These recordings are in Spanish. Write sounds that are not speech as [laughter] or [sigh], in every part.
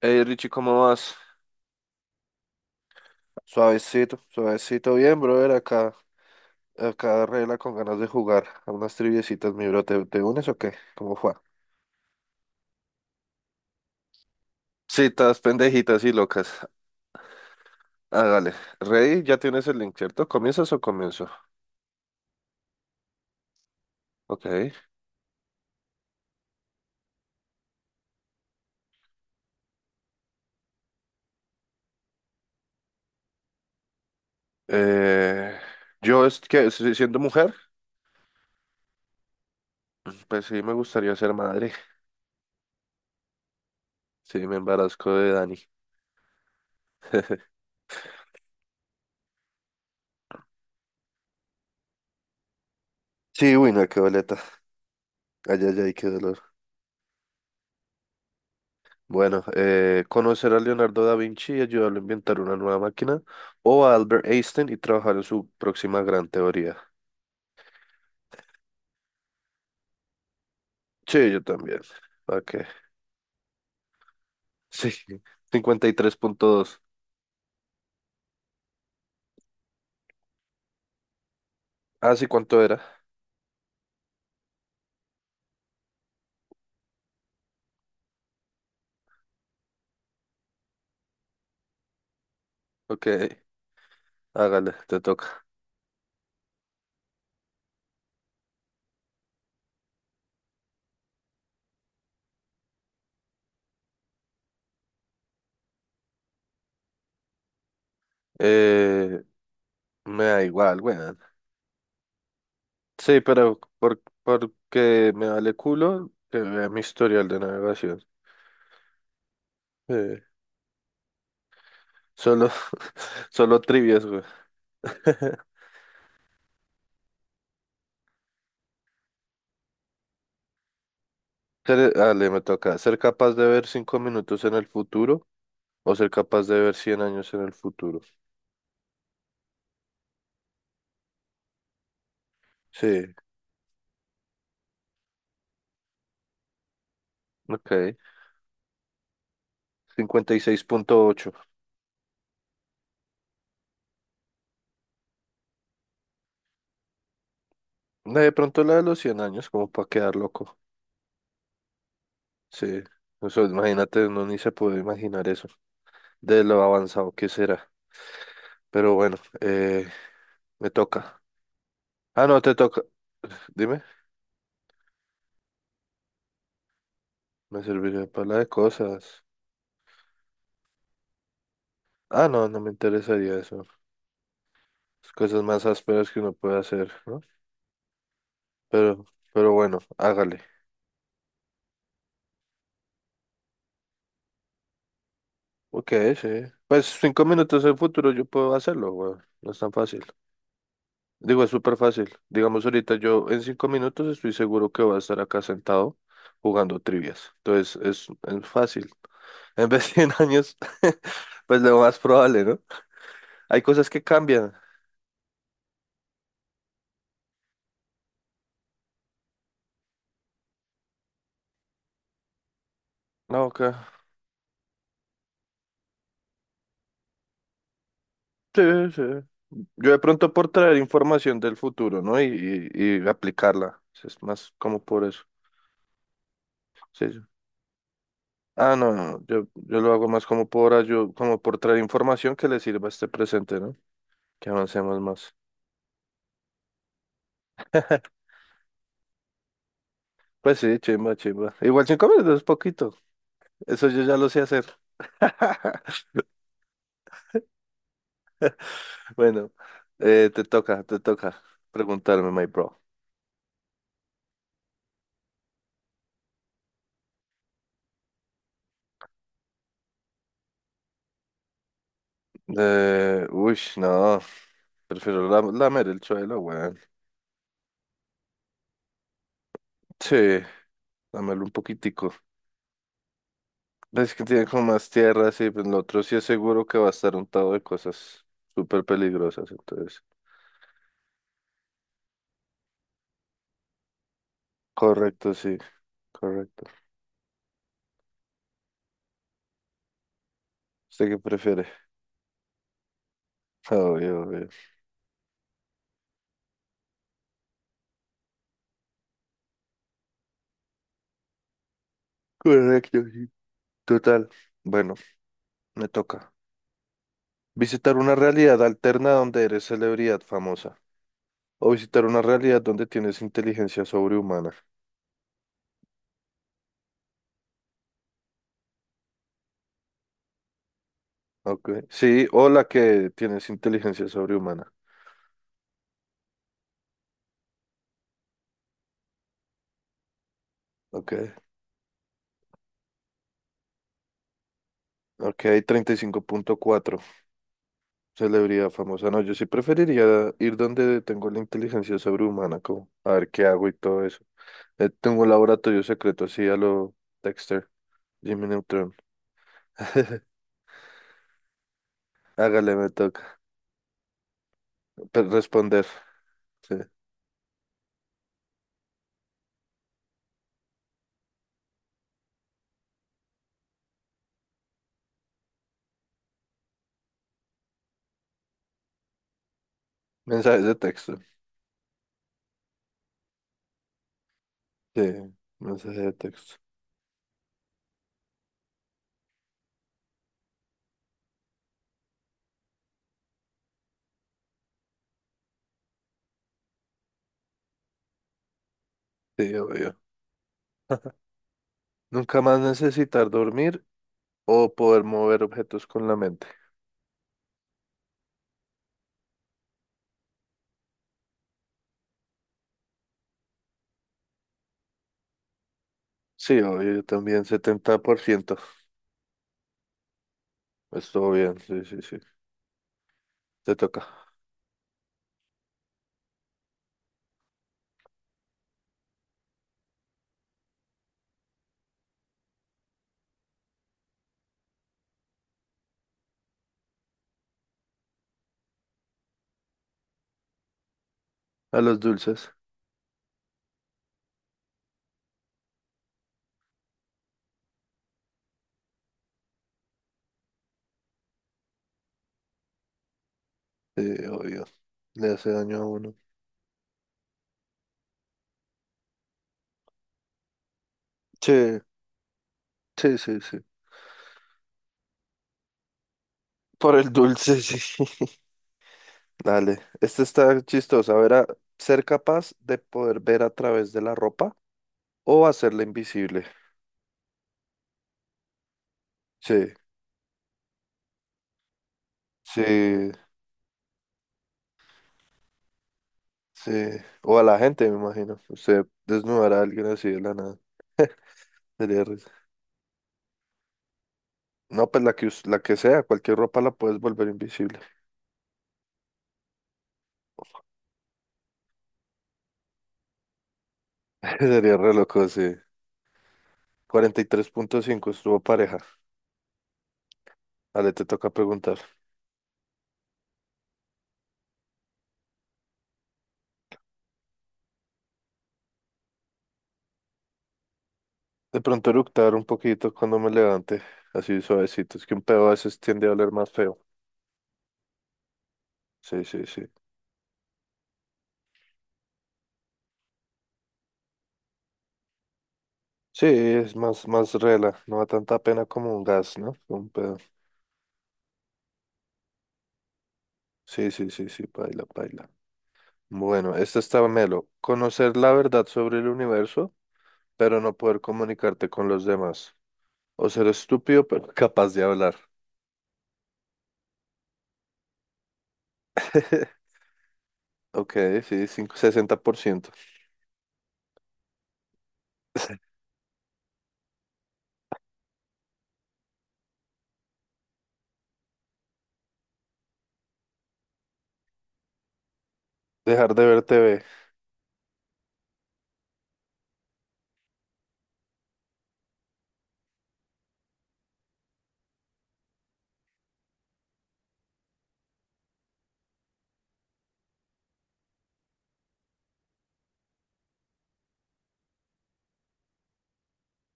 Hey Richie, ¿cómo vas? Suavecito, suavecito, bien, brother, acá, regla con ganas de jugar a unas triviecitas, mi bro, ¿te unes o qué? ¿Cómo fue? Citas pendejitas y locas. Hágale. Rey, ya tienes el link, ¿cierto? ¿Comienzas o comienzo? Ok. Eh, yo es que siendo mujer, pues sí me gustaría ser madre. Sí, me embarazco de Dani. [laughs] Sí, uy, no, qué boleta, ay, ay, ay, qué dolor. Bueno, conocer a Leonardo da Vinci y ayudarlo a inventar una nueva máquina, o a Albert Einstein y trabajar en su próxima gran teoría. Sí, yo también. Ok. [laughs] Sí, 53.2. Ah, sí, ¿cuánto era? Ok, hágale, te toca. Eh, me da igual, weón. Sí, por, porque me vale culo que vea mi historial de navegación. Eh, solo, [laughs] solo trivias, güey. [laughs] Dale, me toca. ¿Ser capaz de ver 5 minutos en el futuro o ser capaz de ver 100 años en el futuro? Sí, ok. 56.8. No, de pronto la de los 100 años, como para quedar loco. Sí, eso, imagínate, uno ni se puede imaginar eso, de lo avanzado que será. Pero bueno, me toca. Ah, no, te toca. Dime, me serviría para la de cosas. Ah, no, no me interesaría eso. Las cosas más ásperas que uno puede hacer, ¿no? Pero, pero bueno, hágale. Ok, sí. Pues 5 minutos en futuro yo puedo hacerlo, weón. No es tan fácil. Digo, es súper fácil. Digamos, ahorita yo en 5 minutos estoy seguro que voy a estar acá sentado jugando trivias. Entonces, es fácil. [laughs] En vez de en años, [laughs] pues lo más probable, ¿no? Hay cosas que cambian. No, ok. Sí, sí. Yo de pronto por traer información del futuro, ¿no? Y aplicarla. Es más como por eso. Sí, sí. Ah, no, no, yo lo hago más como por como por traer información que le sirva a este presente, ¿no? Que avancemos más. Pues sí, chimba, chimba. Igual 5 minutos es poquito. Eso yo ya lo sé hacer. [laughs] Bueno, te toca preguntarme, my bro. Uy, no, prefiero lamer el suelo, weón. Sí, lamerlo un poquitico. Ves que tiene como más tierra, sí, pero el otro sí es seguro que va a estar untado de cosas súper peligrosas, entonces. Correcto, sí, correcto. ¿Usted qué prefiere? [laughs] Obvio, obvio. Correcto, sí. Total. Bueno, me toca. Visitar una realidad alterna donde eres celebridad famosa. O visitar una realidad donde tienes inteligencia sobrehumana. Ok. Sí, o la que tienes inteligencia sobrehumana. Ok. Ok, 35.4. Celebridad famosa. No, yo sí preferiría ir donde tengo la inteligencia sobrehumana, como a ver qué hago y todo eso. Tengo un laboratorio secreto así a lo Dexter, Jimmy Neutron. [laughs] Hágale, me toca. Responder, sí. Mensajes de texto, sí. Mensajes de texto, sí, obvio. Nunca más necesitar dormir o poder mover objetos con la mente. Sí, obvio, yo también, 70%. Estuvo bien, sí, sí, sí. Te toca. A los dulces, sí, obvio. Le hace daño a uno. Sí, sí, sí, sí. Por el dulce, sí. [laughs] Dale, este está chistoso. A ver, a- ser capaz de poder ver a través de la ropa o hacerla invisible. Sí, sí, sí, o a la gente, me imagino. Usted desnudará a alguien así de la nada. Sería risa. No, pues la que, la que sea, cualquier ropa la puedes volver invisible. [laughs] Sería re loco, sí. 43.5, estuvo pareja. Ale, te toca preguntar. De pronto eructar un poquito cuando me levante, así suavecito. Es que un pedo a veces tiende a oler más feo. Sí, sí, sí. Sí, es más, más rela. No da tanta pena como un gas, ¿no? Un pedo. Sí, sí, sí, sí, baila, baila. Bueno, esta está melo. Conocer la verdad sobre el universo pero no poder comunicarte con los demás. O ser estúpido, pero [laughs] capaz de hablar. [laughs] Ok, sí, 60%. [laughs] Dejar de ver TV.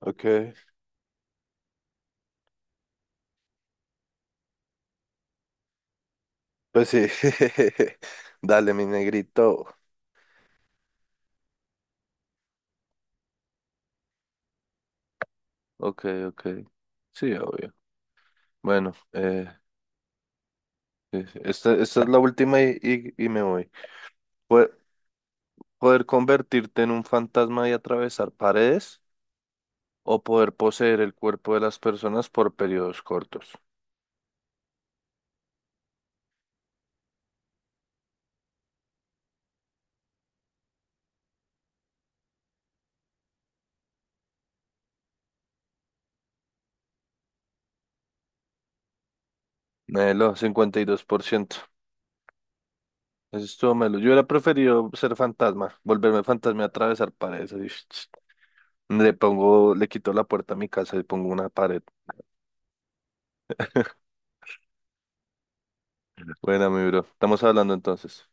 Ok, pues sí. [laughs] Dale, mi negrito. Ok, ok. Sí, obvio. Bueno, esta es la última y me voy. poder Poder convertirte en un fantasma y atravesar paredes o poder poseer el cuerpo de las personas por periodos cortos. Melo, 52%. Eso estuvo malo. Yo hubiera preferido ser fantasma, volverme fantasma y atravesar paredes. Así, ch, ch. Le pongo, le quito la puerta a mi casa y pongo una pared. Buena, mi bro. Estamos hablando entonces.